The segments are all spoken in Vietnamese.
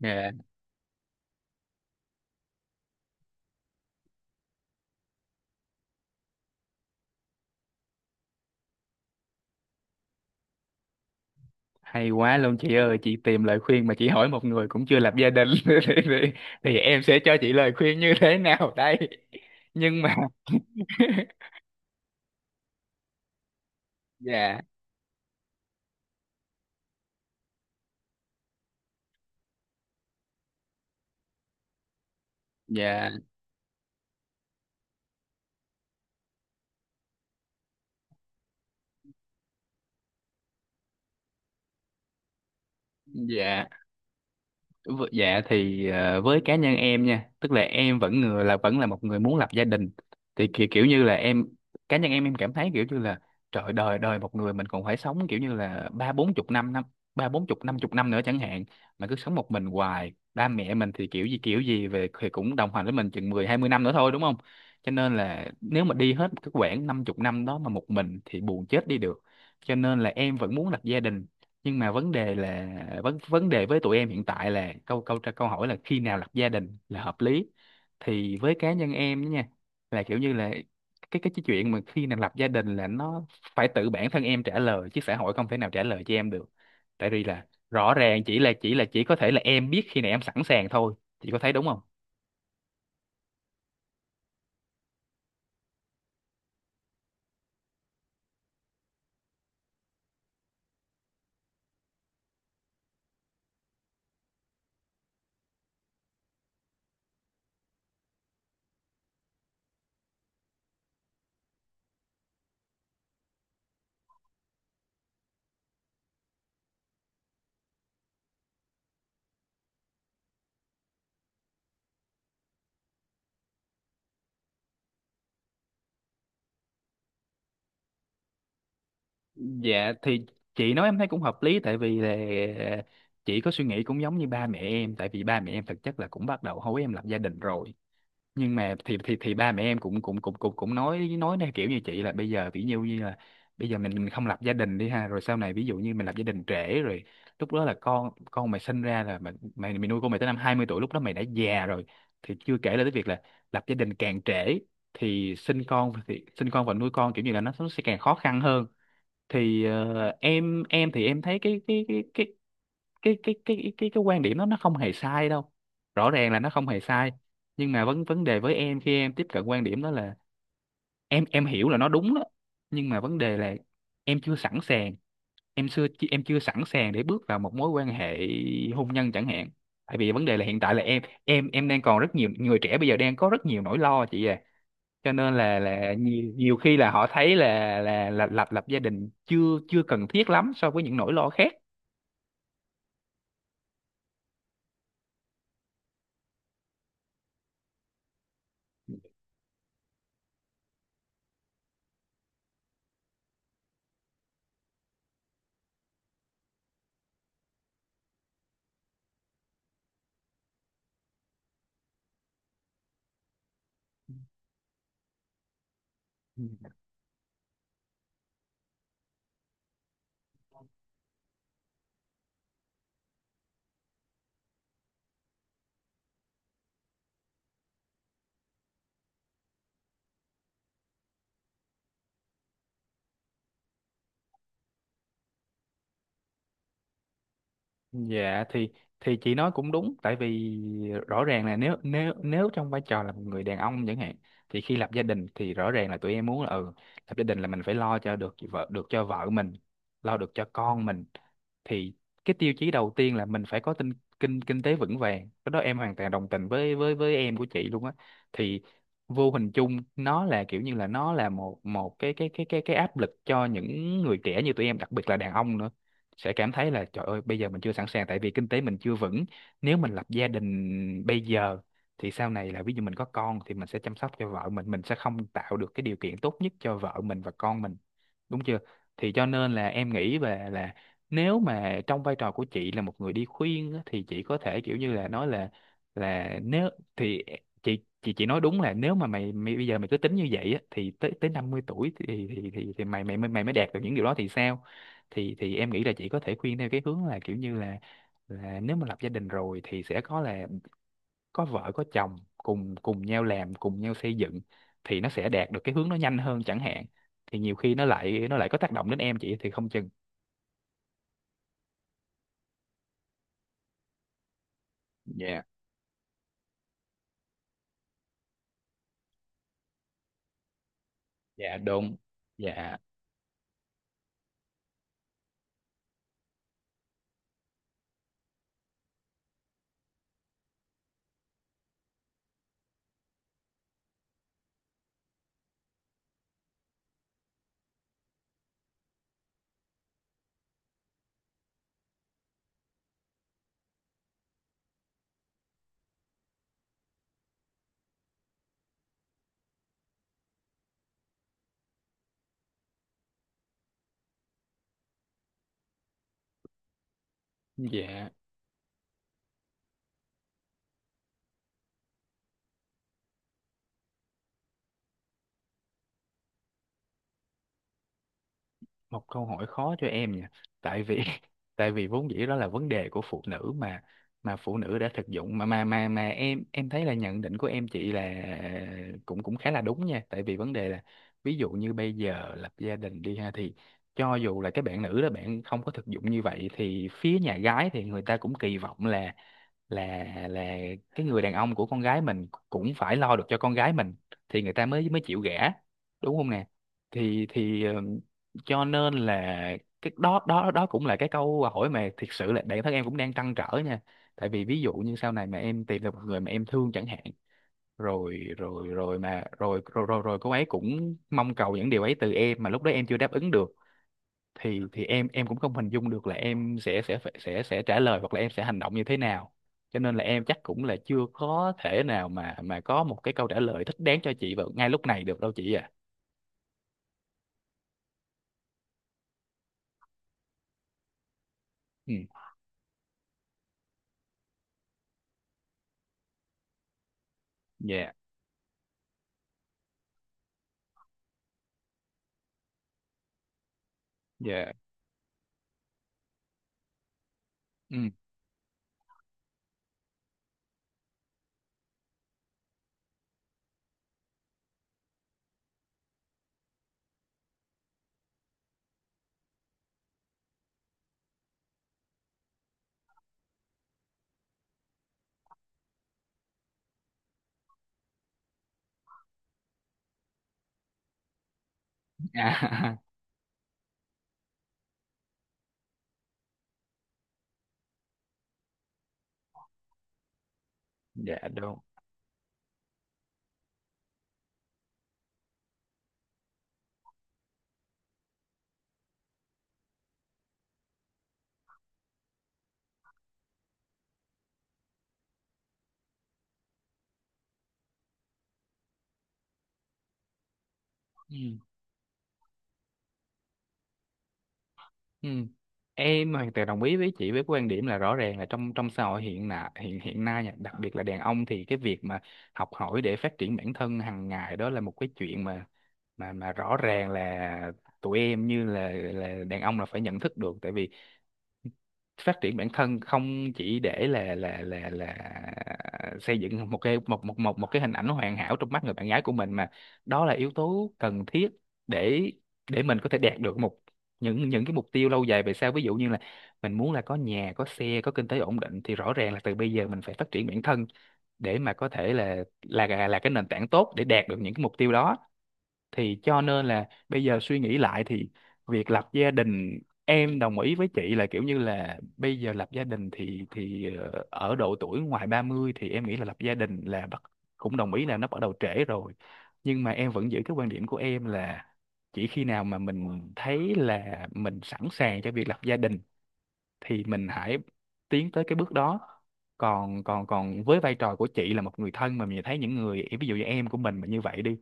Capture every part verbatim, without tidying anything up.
Dạ, hay quá luôn chị ơi, chị tìm lời khuyên mà chị hỏi một người cũng chưa lập gia đình thì, thì, thì em sẽ cho chị lời khuyên như thế nào đây? Nhưng mà dạ, dạ, dạ. V- Dạ thì ờ, với cá nhân em nha, tức là em vẫn người là vẫn là một người muốn lập gia đình. Thì kiểu, kiểu như là em cá nhân em em cảm thấy kiểu như là, trời, đời đời một người mình còn phải sống kiểu như là ba bốn chục năm năm ba bốn chục năm chục năm nữa chẳng hạn, mà cứ sống một mình hoài. Ba mẹ mình thì kiểu gì kiểu gì về thì cũng đồng hành với mình chừng mười, hai mươi năm nữa thôi, đúng không? Cho nên là nếu mà đi hết cái quãng năm chục năm đó mà một mình thì buồn chết đi được. Cho nên là em vẫn muốn lập gia đình, nhưng mà vấn đề là, vấn vấn đề với tụi em hiện tại là, câu câu câu hỏi là khi nào lập gia đình là hợp lý. Thì với cá nhân em đó nha, là kiểu như là, cái cái cái chuyện mà khi nào lập gia đình là nó phải tự bản thân em trả lời, chứ xã hội không thể nào trả lời cho em được. Tại vì là, rõ ràng chỉ là chỉ là chỉ có thể là em biết khi nào em sẵn sàng thôi, chị có thấy đúng không? Dạ thì chị nói em thấy cũng hợp lý, tại vì là chị có suy nghĩ cũng giống như ba mẹ em, tại vì ba mẹ em thực chất là cũng bắt đầu hối em lập gia đình rồi. Nhưng mà thì thì thì ba mẹ em cũng cũng cũng cũng cũng nói nói theo kiểu như chị là, bây giờ ví dụ như là, bây giờ mình mình không lập gia đình đi ha, rồi sau này ví dụ như mình lập gia đình trễ rồi, lúc đó là con con mày sinh ra là mày mày, mày nuôi con mày tới năm hai mươi tuổi, lúc đó mày đã già rồi. Thì chưa kể là tới việc là, lập gia đình càng trễ thì sinh con, thì sinh con và nuôi con kiểu như là nó, nó sẽ càng khó khăn hơn. Thì ờ, em em thì em thấy cái cái cái cái cái cái cái cái cái quan điểm đó nó không hề sai đâu, rõ ràng là nó không hề sai. Nhưng mà vấn vấn đề với em khi em tiếp cận quan điểm đó là, em em hiểu là nó đúng đó, nhưng mà vấn đề là em chưa sẵn sàng. Em chưa em chưa sẵn sàng để bước vào một mối quan hệ hôn nhân chẳng hạn. Tại vì vấn đề là hiện tại là em em em đang còn, rất nhiều người trẻ bây giờ đang có rất nhiều nỗi lo chị à. Cho nên là là nhiều, nhiều khi là họ thấy là là là lập lập gia đình chưa chưa cần thiết lắm so với những nỗi lo khác. Dạ thì thì chị nói cũng đúng, tại vì rõ ràng là nếu nếu nếu trong vai trò là một người đàn ông chẳng hạn, thì khi lập gia đình thì rõ ràng là tụi em muốn là, ừ, lập gia đình là mình phải lo cho được vợ, được cho vợ mình, lo được cho con mình. Thì cái tiêu chí đầu tiên là mình phải có tinh kinh kinh tế vững vàng, cái đó em hoàn toàn đồng tình với với với em của chị luôn á. Thì vô hình chung nó là kiểu như là, nó là một một cái cái cái cái cái áp lực cho những người trẻ như tụi em, đặc biệt là đàn ông nữa, sẽ cảm thấy là trời ơi, bây giờ mình chưa sẵn sàng, tại vì kinh tế mình chưa vững. Nếu mình lập gia đình bây giờ, thì sau này là ví dụ mình có con thì mình sẽ chăm sóc cho vợ mình mình sẽ không tạo được cái điều kiện tốt nhất cho vợ mình và con mình, đúng chưa? Thì cho nên là em nghĩ về là, nếu mà trong vai trò của chị là một người đi khuyên á, thì chị có thể kiểu như là nói là là nếu, thì chị chị chị nói đúng là, nếu mà mày, mày bây giờ mày cứ tính như vậy á, thì tới tới năm mươi tuổi thì thì thì, thì mày mày mày mới đạt được những điều đó thì sao? thì thì em nghĩ là chị có thể khuyên theo cái hướng là kiểu như là là nếu mà lập gia đình rồi thì sẽ có là có vợ có chồng, cùng cùng nhau làm, cùng nhau xây dựng, thì nó sẽ đạt được cái hướng nó nhanh hơn chẳng hạn. Thì nhiều khi nó lại nó lại có tác động đến em chị thì không chừng. Dạ, dạ đúng, dạ, dạ. Một câu hỏi khó cho em nha, tại vì tại vì vốn dĩ đó là vấn đề của phụ nữ mà mà phụ nữ đã thực dụng mà mà mà mà em em thấy là nhận định của em chị là cũng cũng khá là đúng nha. Tại vì vấn đề là, ví dụ như bây giờ lập gia đình đi ha, thì cho dù là cái bạn nữ đó bạn không có thực dụng như vậy, thì phía nhà gái thì người ta cũng kỳ vọng là, là là cái người đàn ông của con gái mình cũng phải lo được cho con gái mình thì người ta mới mới chịu gả, đúng không nè? thì thì ừm, cho nên là cái đó đó đó cũng là cái câu hỏi mà thiệt sự là bản thân em cũng đang trăn trở nha. Tại vì ví dụ như sau này mà em tìm được một người mà em thương chẳng hạn, rồi rồi rồi mà rồi rồi rồi, rồi cô ấy cũng mong cầu những điều ấy từ em mà lúc đó em chưa đáp ứng được, thì thì em em cũng không hình dung được là em sẽ sẽ phải- sẽ sẽ trả lời, hoặc là em sẽ hành động như thế nào. Cho nên là em chắc cũng là chưa có thể nào mà mà có một cái câu trả lời thích đáng cho chị vào ngay lúc này được đâu chị à. Ừ. Dạ, dạ. Ừ. À, dạ đúng. Ừ. Ừ, em hoàn toàn đồng ý với chị với quan điểm là, rõ ràng là trong trong xã hội hiện nay, hiện hiện nay nha, đặc biệt là đàn ông thì cái việc mà học hỏi để phát triển bản thân hàng ngày, đó là một cái chuyện mà mà mà rõ ràng là tụi em như là là đàn ông là phải nhận thức được. Tại vì phát triển bản thân không chỉ để là là là là xây dựng một cái, một một một một cái hình ảnh hoàn hảo trong mắt người bạn gái của mình, mà đó là yếu tố cần thiết để để mình có thể đạt được một, những những cái mục tiêu lâu dài về sau, ví dụ như là mình muốn là có nhà, có xe, có kinh tế ổn định, thì rõ ràng là từ bây giờ mình phải phát triển bản thân để mà có thể là là là cái nền tảng tốt để đạt được những cái mục tiêu đó. Thì cho nên là bây giờ suy nghĩ lại thì, việc lập gia đình, em đồng ý với chị là kiểu như là, bây giờ lập gia đình thì thì ờ, ở độ tuổi ngoài ba mươi thì em nghĩ là lập gia đình là bắt, cũng đồng ý là nó bắt đầu trễ rồi. Nhưng mà em vẫn giữ cái quan điểm của em là, chỉ khi nào mà mình thấy là mình sẵn sàng cho việc lập gia đình thì mình hãy tiến tới cái bước đó. Còn còn còn với vai trò của chị là một người thân mà mình thấy những người ví dụ như em của mình mà như vậy đi,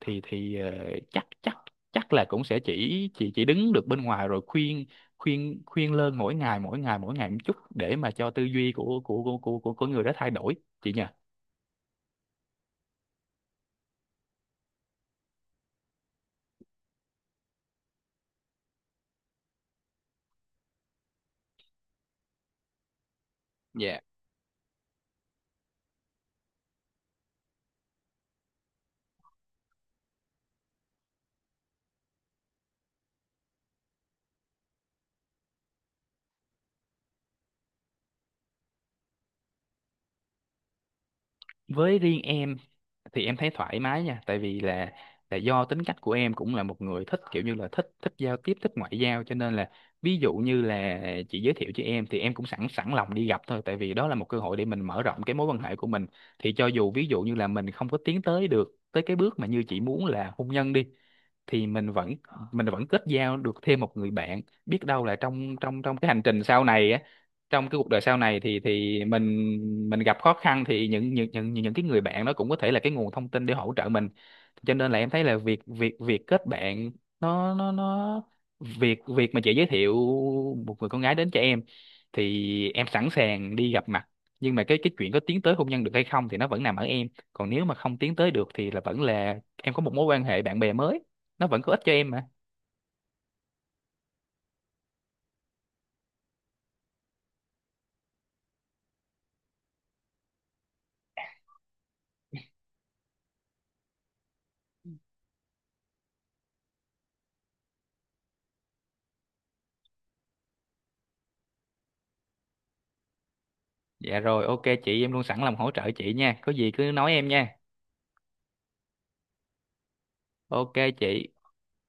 thì thì ờ, chắc chắc chắc là cũng sẽ chỉ chỉ chỉ đứng được bên ngoài rồi khuyên, khuyên khuyên lơn mỗi ngày, mỗi ngày mỗi ngày một chút, để mà cho tư duy của của của của của, của người đó thay đổi, chị nhỉ? Dạ. Với riêng em thì em thấy thoải mái nha, tại vì là, là do tính cách của em cũng là một người thích kiểu như là, thích thích giao tiếp, thích ngoại giao, cho nên là ví dụ như là chị giới thiệu cho em thì em cũng sẵn sẵn lòng đi gặp thôi, tại vì đó là một cơ hội để mình mở rộng cái mối quan hệ của mình. Thì cho dù ví dụ như là mình không có tiến tới được tới cái bước mà như chị muốn là hôn nhân đi, thì mình vẫn, mình vẫn kết giao được thêm một người bạn. Biết đâu là trong trong trong cái hành trình sau này á, trong cái cuộc đời sau này thì thì mình, mình gặp khó khăn thì những những những những cái người bạn đó cũng có thể là cái nguồn thông tin để hỗ trợ mình. Cho nên là em thấy là việc việc việc kết bạn, nó nó nó, việc việc mà chị giới thiệu một người con gái đến cho em thì em sẵn sàng đi gặp mặt. Nhưng mà cái cái chuyện có tiến tới hôn nhân được hay không thì nó vẫn nằm ở em. Còn nếu mà không tiến tới được thì là vẫn là em có một mối quan hệ bạn bè mới, nó vẫn có ích cho em mà. Dạ rồi, ô kê chị, em luôn sẵn lòng hỗ trợ chị nha, có gì cứ nói em nha. ô kê chị.